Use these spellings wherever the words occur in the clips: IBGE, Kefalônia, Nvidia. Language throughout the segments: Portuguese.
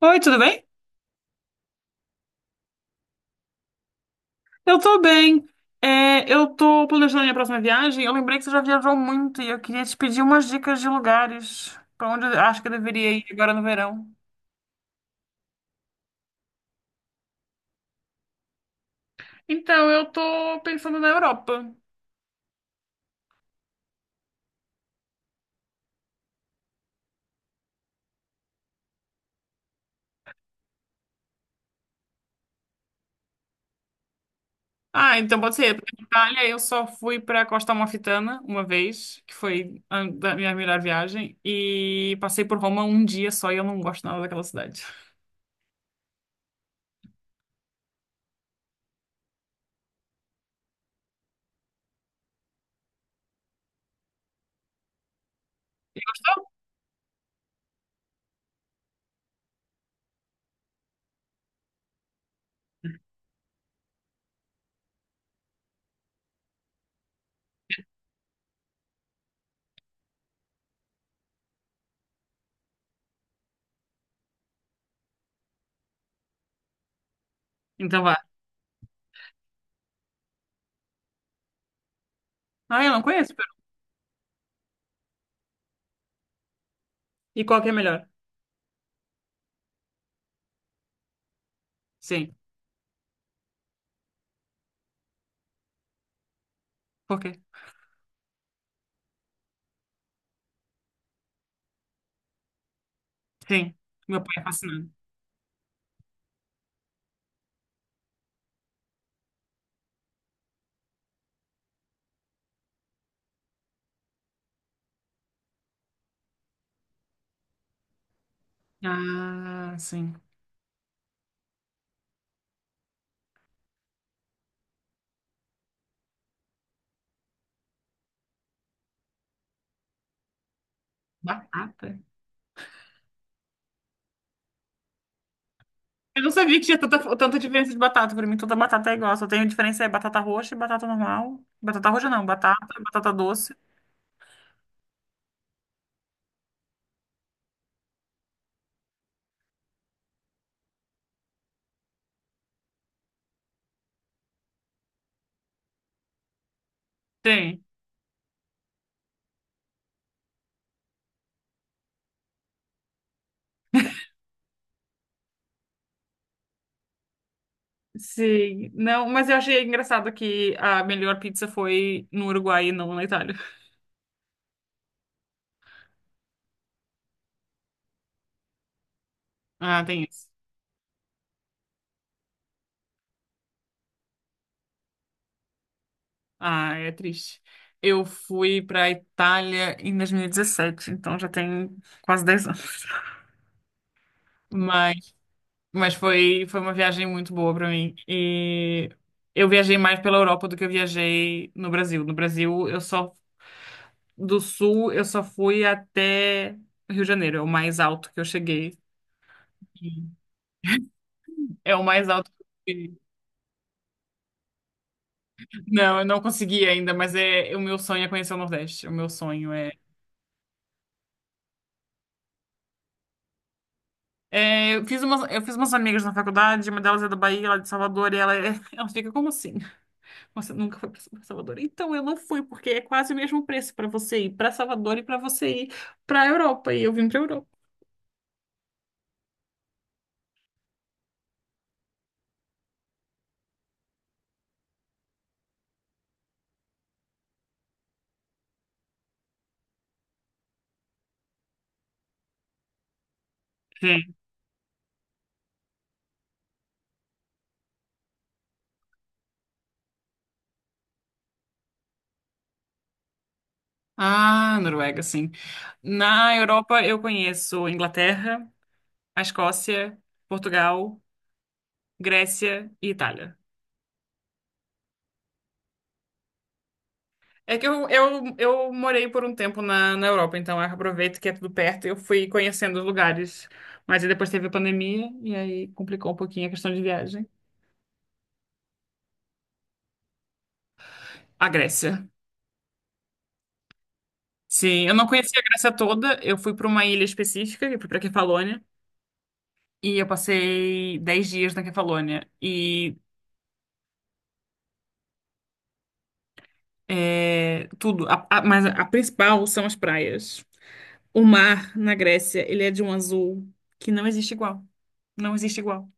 Oi, tudo bem? Eu tô bem. É, eu tô planejando a minha próxima viagem. Eu lembrei que você já viajou muito e eu queria te pedir umas dicas de lugares pra onde eu acho que eu deveria ir agora no verão. Então, eu tô pensando na Europa. Ah, então pode ser. Pra Itália, eu só fui pra Costa Amalfitana uma vez, que foi a da minha melhor viagem, e passei por Roma um dia só e eu não gosto nada daquela cidade. Gostou? Então vá. Ah, eu não conheço. Pera. E qual que é melhor? Sim. Por quê? Sim. Meu pai é fascinado. Ah, sim. Batata. Eu não sabia que tinha tanta diferença de batata. Pra mim, toda batata é igual. Só tem diferença é batata roxa e batata normal. Batata roxa não, batata doce. Tem. Sim. Não, mas eu achei engraçado que a melhor pizza foi no Uruguai e não na Itália. Ah, tem isso. Ah, é triste. Eu fui pra Itália em 2017, então já tem quase 10 anos. Mas Mas foi uma viagem muito boa pra mim. E eu viajei mais pela Europa do que eu viajei no Brasil. No Brasil, eu só do sul, eu só fui até Rio de Janeiro, é o mais alto que eu cheguei. É o mais alto que eu cheguei. Não, eu não consegui ainda, mas é o meu sonho é conhecer o Nordeste. O meu sonho é, é, eu fiz umas amigas na faculdade, uma delas é da Bahia, ela é de Salvador, e ela, ela fica, como assim? Você nunca foi para Salvador. Então eu não fui, porque é quase o mesmo preço para você ir para Salvador e para você ir para Europa. E eu vim para Europa. Sim. Ah, Noruega, sim. Na Europa eu conheço Inglaterra, a Escócia, Portugal, Grécia e Itália. É que eu morei por um tempo na Europa, então eu aproveito que é tudo perto e eu fui conhecendo os lugares. Mas aí depois teve a pandemia e aí complicou um pouquinho a questão de viagem. A Grécia. Sim, eu não conhecia a Grécia toda. Eu fui para uma ilha específica, eu fui para Kefalônia, e eu passei 10 dias na Kefalônia. E é, tudo, mas a principal são as praias. O mar na Grécia, ele é de um azul que não existe igual. Não existe igual.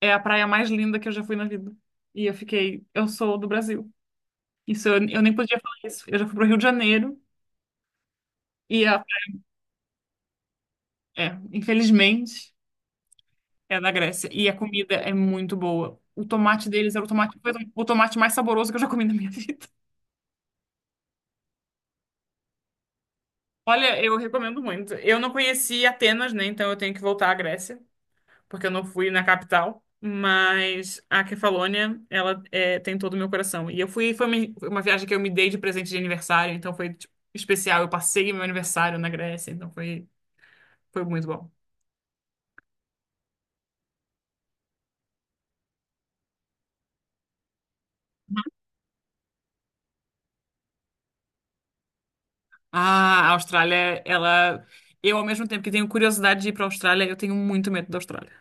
É a praia mais linda que eu já fui na vida. E eu fiquei, eu sou do Brasil. Isso eu nem podia falar isso. Eu já fui pro Rio de Janeiro e a, é, infelizmente. É da Grécia. E a comida é muito boa. O tomate deles era o tomate, foi o tomate mais saboroso que eu já comi na minha vida. Olha, eu recomendo muito. Eu não conheci Atenas, né? Então eu tenho que voltar à Grécia, porque eu não fui na capital. Mas a Kefalônia, ela é, tem todo o meu coração. E eu fui, foi uma viagem que eu me dei de presente de aniversário, então foi, tipo, especial. Eu passei meu aniversário na Grécia, então foi muito bom. Ah, a Austrália, ela. Eu, ao mesmo tempo que tenho curiosidade de ir pra Austrália, eu tenho muito medo da Austrália.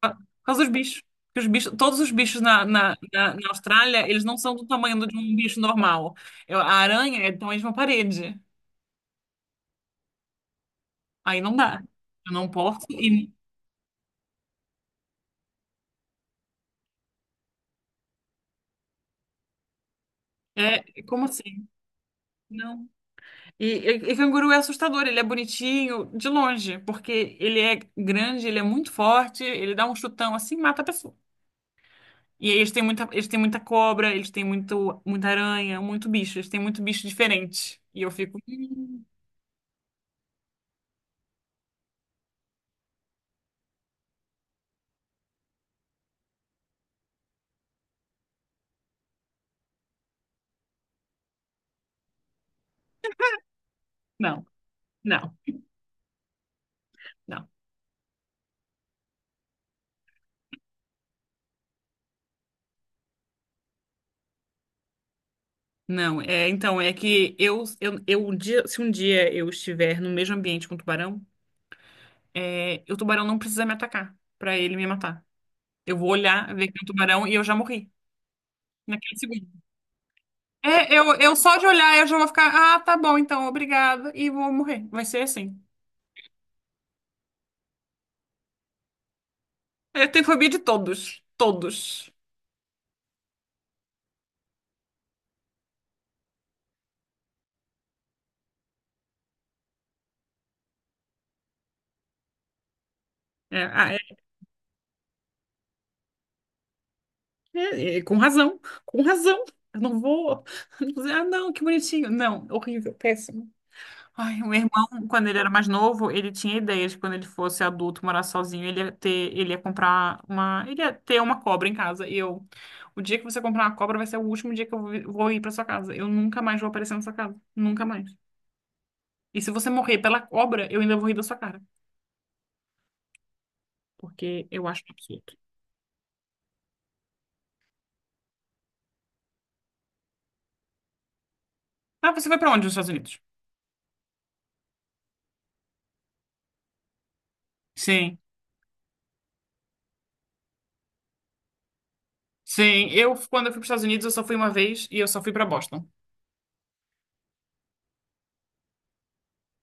Por causa dos bichos. Porque os bichos, todos os bichos na Austrália, eles não são do tamanho de um bicho normal. A aranha é do tamanho de uma parede. Aí não dá. Eu não posso. E, é, como assim? Não. E canguru é assustador. Ele é bonitinho de longe, porque ele é grande, ele é muito forte, ele dá um chutão assim e mata a pessoa. E aí eles têm muita cobra, eles têm muito, muita aranha, muito bicho. Eles têm muito bicho diferente. E eu fico, não, não. Não. Não, é, então, é que eu um dia, se um dia eu estiver no mesmo ambiente com o tubarão, é, o tubarão não precisa me atacar pra ele me matar. Eu vou olhar, ver que é um tubarão e eu já morri naquele segundo. É, eu só de olhar eu já vou ficar, ah, tá bom, então, obrigada, e vou morrer. Vai ser assim. É, eu tenho fobia de todos, todos. É, ah, é, com razão, com razão. Eu não vou dizer, ah, não, que bonitinho. Não, horrível, péssimo. Ai, o meu irmão, quando ele era mais novo, ele tinha ideia de que quando ele fosse adulto, morar sozinho, ele ia comprar uma, ele ia ter uma cobra em casa. E eu, o dia que você comprar uma cobra vai ser o último dia que vou ir pra sua casa. Eu nunca mais vou aparecer na sua casa, nunca mais. E se você morrer pela cobra, eu ainda vou rir da sua cara, porque eu acho um absurdo. Ah, você foi pra onde nos Estados Unidos? Sim. Sim, eu quando eu fui para os Estados Unidos, eu só fui uma vez e eu só fui pra Boston.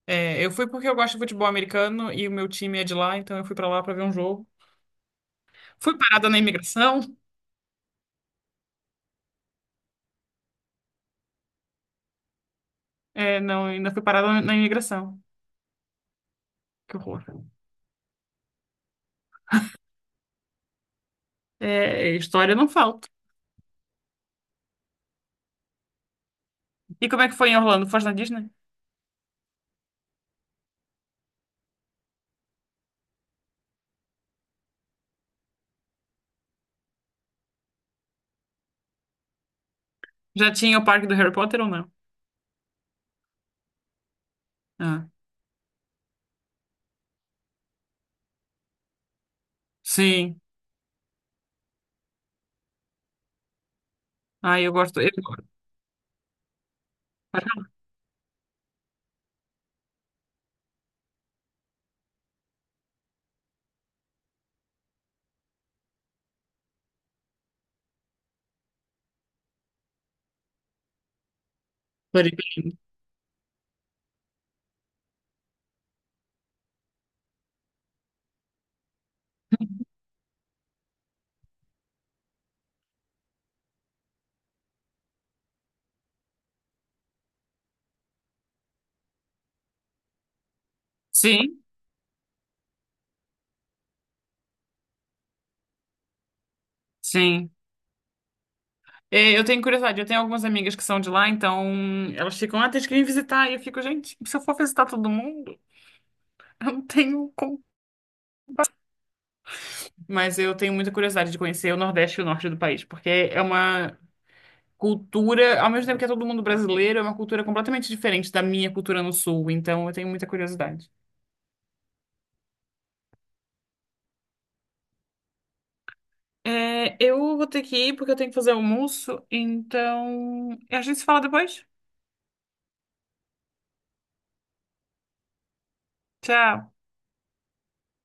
É, eu fui porque eu gosto de futebol americano e o meu time é de lá, então eu fui pra lá pra ver um jogo. Fui parada na imigração. É, não, ainda fui parada na imigração. Que horror. É, história não falta. E como é que foi em Orlando? Foste na Disney? Já tinha o parque do Harry Potter ou não? Ah, sim. Ah, eu gosto. Eu gosto. Floripa é lindo. Sim, sim. É, eu tenho curiosidade, eu tenho algumas amigas que são de lá, então elas ficam, ah, tens que vir visitar. E eu fico, gente, se eu for visitar todo mundo, eu não tenho como. Mas eu tenho muita curiosidade de conhecer o Nordeste e o Norte do país, porque é uma cultura, ao mesmo tempo que é todo mundo brasileiro, é uma cultura completamente diferente da minha cultura no sul, então eu tenho muita curiosidade. É, eu vou ter que ir porque eu tenho que fazer almoço, então a gente se fala depois. Tchau.